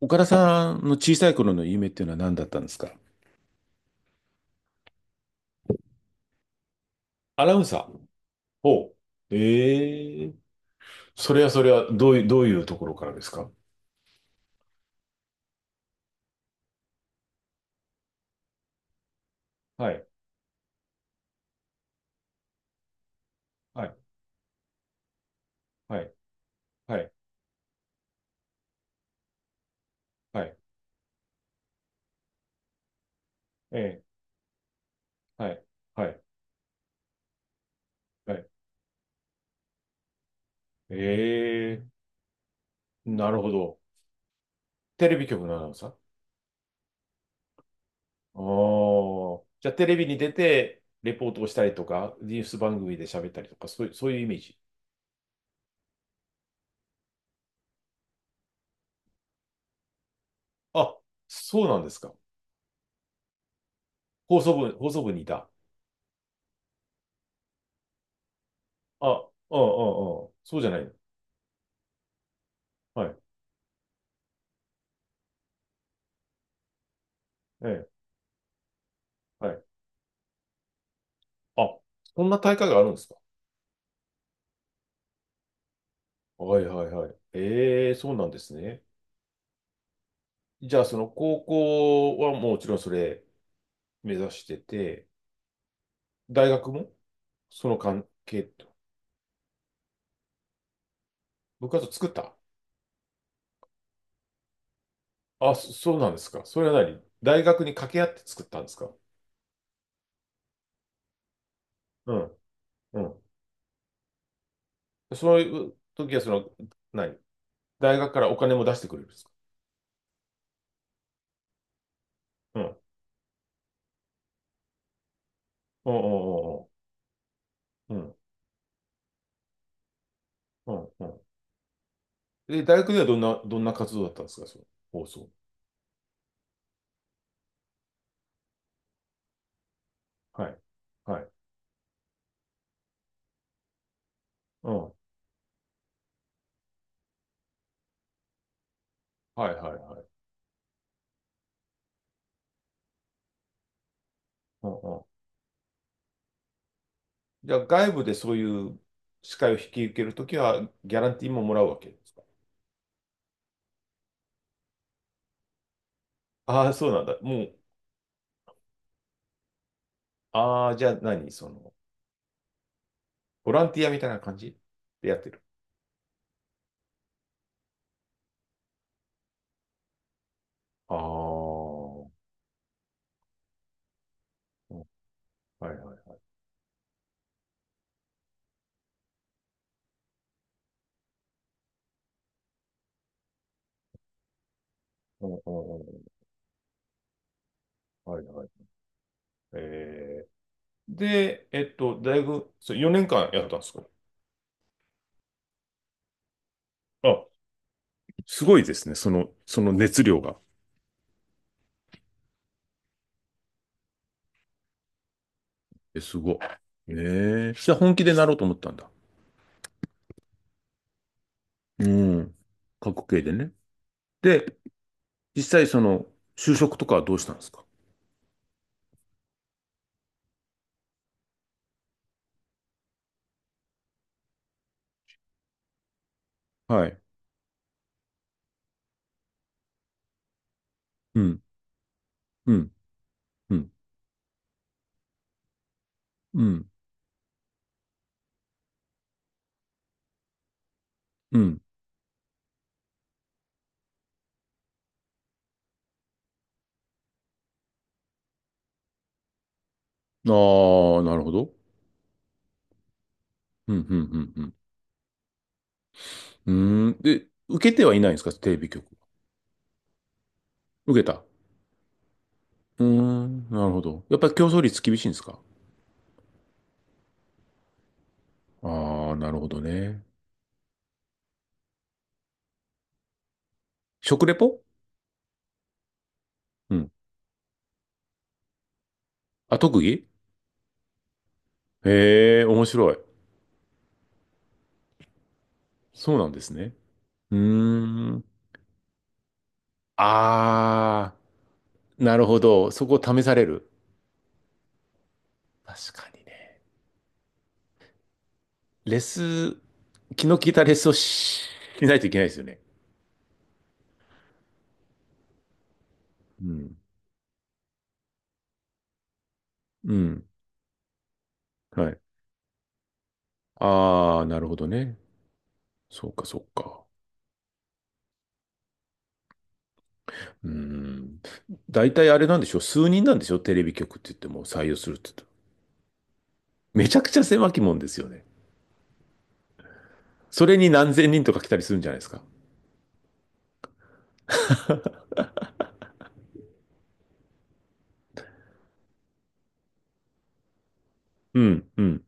岡田さんの小さい頃の夢っていうのは何だったんですか？アナウンサー。お、う。ええ。それはそれは、どういうところからですか？はい、はい、はい、はい、はい、ええ、はい、はい、はい。ええ、なるほど。テレビ局のアナウンサー？ああ。じゃあ、テレビに出て、レポートをしたりとか、ニュース番組で喋ったりとか、そういうイメージ。あ、そうなんですか。放送部にいた。あ、うんうんうん。そうじゃないの。はい、ええ、はい。あ、そんな大会があるんですか？はいはいはい。ええ、そうなんですね。じゃあ、その高校はもちろんそれ目指してて、大学もその関係と。部活作った？あ、そうなんですか。それは何大学に掛け合って作ったんですか？うん、うん。そういう時は、何大学からお金も出してくれるんですか？うん、うん、うん、うん、うん、うん。うん。で、大学ではどんな活動だったんですか、その放送。はい。はい。うん。はい、はい、はい。うんうん。じゃあ、外部でそういう司会を引き受けるときは、ギャランティーももらうわけですか？ああー、そうなんだ。もう、ああ、じゃあ何ボランティアみたいな感じでやってる。ああ、うんはいはい。うんうんうんはいはい。えーで、大学、そう4年間やったんですか？あ、すごいですね。その熱量が。え、すごい。ええ、じゃあ本気でなろうと思ったんだ。うん。過去形でね。で、実際就職とかはどうしたんですか？はい。うん、うん、うん、うん、うん。ああ、なるほど。うん、うん、うん、うん。うーん。で、受けてはいないんですか、テレビ局。受けた。うーん、なるほど。やっぱり競争率厳しいんですか？ああー、なるほどね。食レポ？うん。あ、特技？へえ、面白い。そうなんですね。うーん。ああ、なるほど。そこを試される。確かにね。レス気の利いたレッスンしないといけないですよね。うん。うん。はい。ああ、なるほどね。そうか、そうか。うん。大体あれなんでしょう。数人なんでしょう。テレビ局って言っても採用するって言っても。めちゃくちゃ狭き門ですよね。それに何千人とか来たりするんじゃないですか。うん、うん。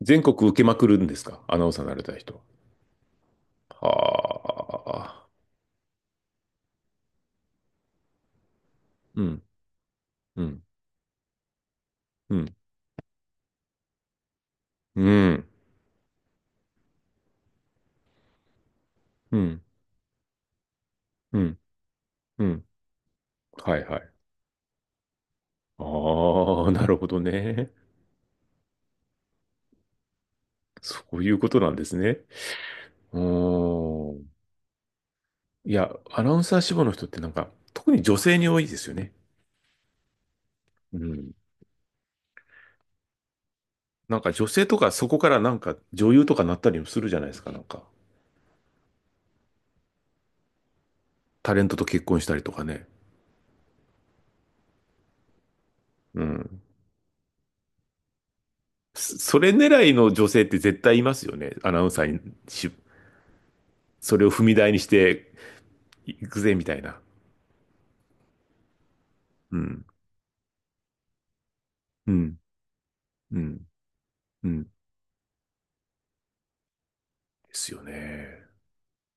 全国受けまくるんですか。アナウンサーになれた人は。はあ。うん、うん、うん、うん、うん、うん、うん。はい、はい。ああ、なるほどね。そういうことなんですね。うーん。いや、アナウンサー志望の人ってなんか、特に女性に多いですよね。うん。なんか女性とかそこからなんか女優とかなったりもするじゃないですか、なんか。タレントと結婚したりとかね。うん。それ狙いの女性って絶対いますよね。アナウンサーにし、それを踏み台にしていくぜ、みたいな。うん。うん。うん。うん。ですよね。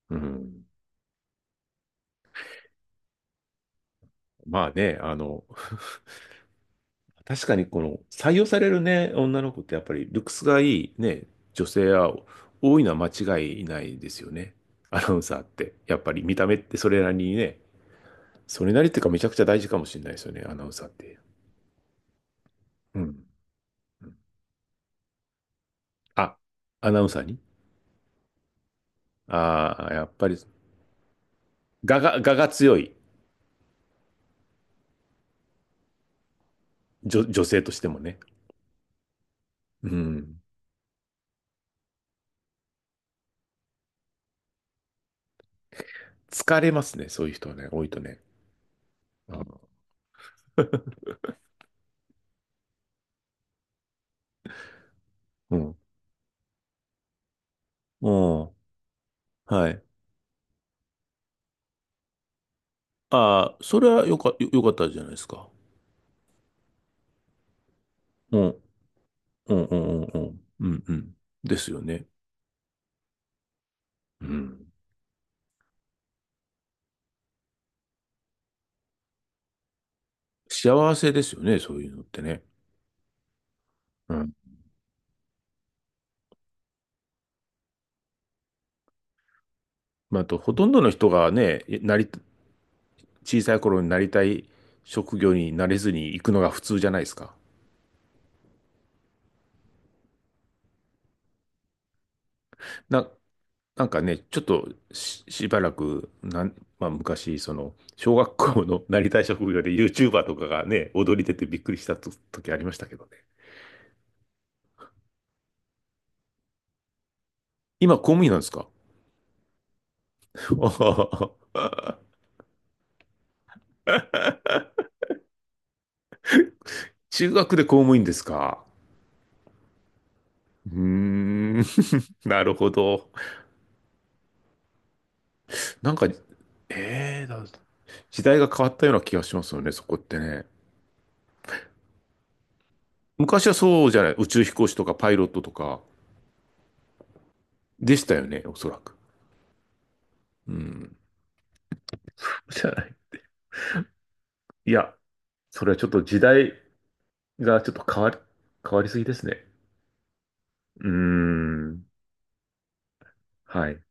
うん。まあね、確かにこの採用されるね、女の子ってやっぱりルックスがいいね、女性は多いのは間違いないですよね。アナウンサーって。やっぱり見た目ってそれなりにね、それなりっていうかめちゃくちゃ大事かもしれないですよね、アナウンサーって。うん。あ、アナウンサーに。ああー、やっぱり、我が強い女性としてもね。うん。疲れますね、そういう人はね、多いとね。うん。うん。うんはい。ああ、それはよかったじゃないですか。うん。うんうんうんうん。うんうん。ですよね。うん。幸せですよね、そういうのってね。うん。まあ、あと、ほとんどの人がね、小さい頃になりたい職業になれずに行くのが普通じゃないですか。な、なんかね、ちょっとしばらく、まあ、昔、小学校のなりたい職業で YouTuber とかがね、踊り出てびっくりしたと時ありましたけどね。今、公務員なんですか？あははは 中学で公務員ですか？うーん。なるほど。なんか、ええだ、時代が変わったような気がしますよね、そこってね。昔はそうじゃない。宇宙飛行士とかパイロットとかでしたよね、おそらく。うん。じゃない。いや、それはちょっと時代がちょっと変わりすぎですね。うーん。はい。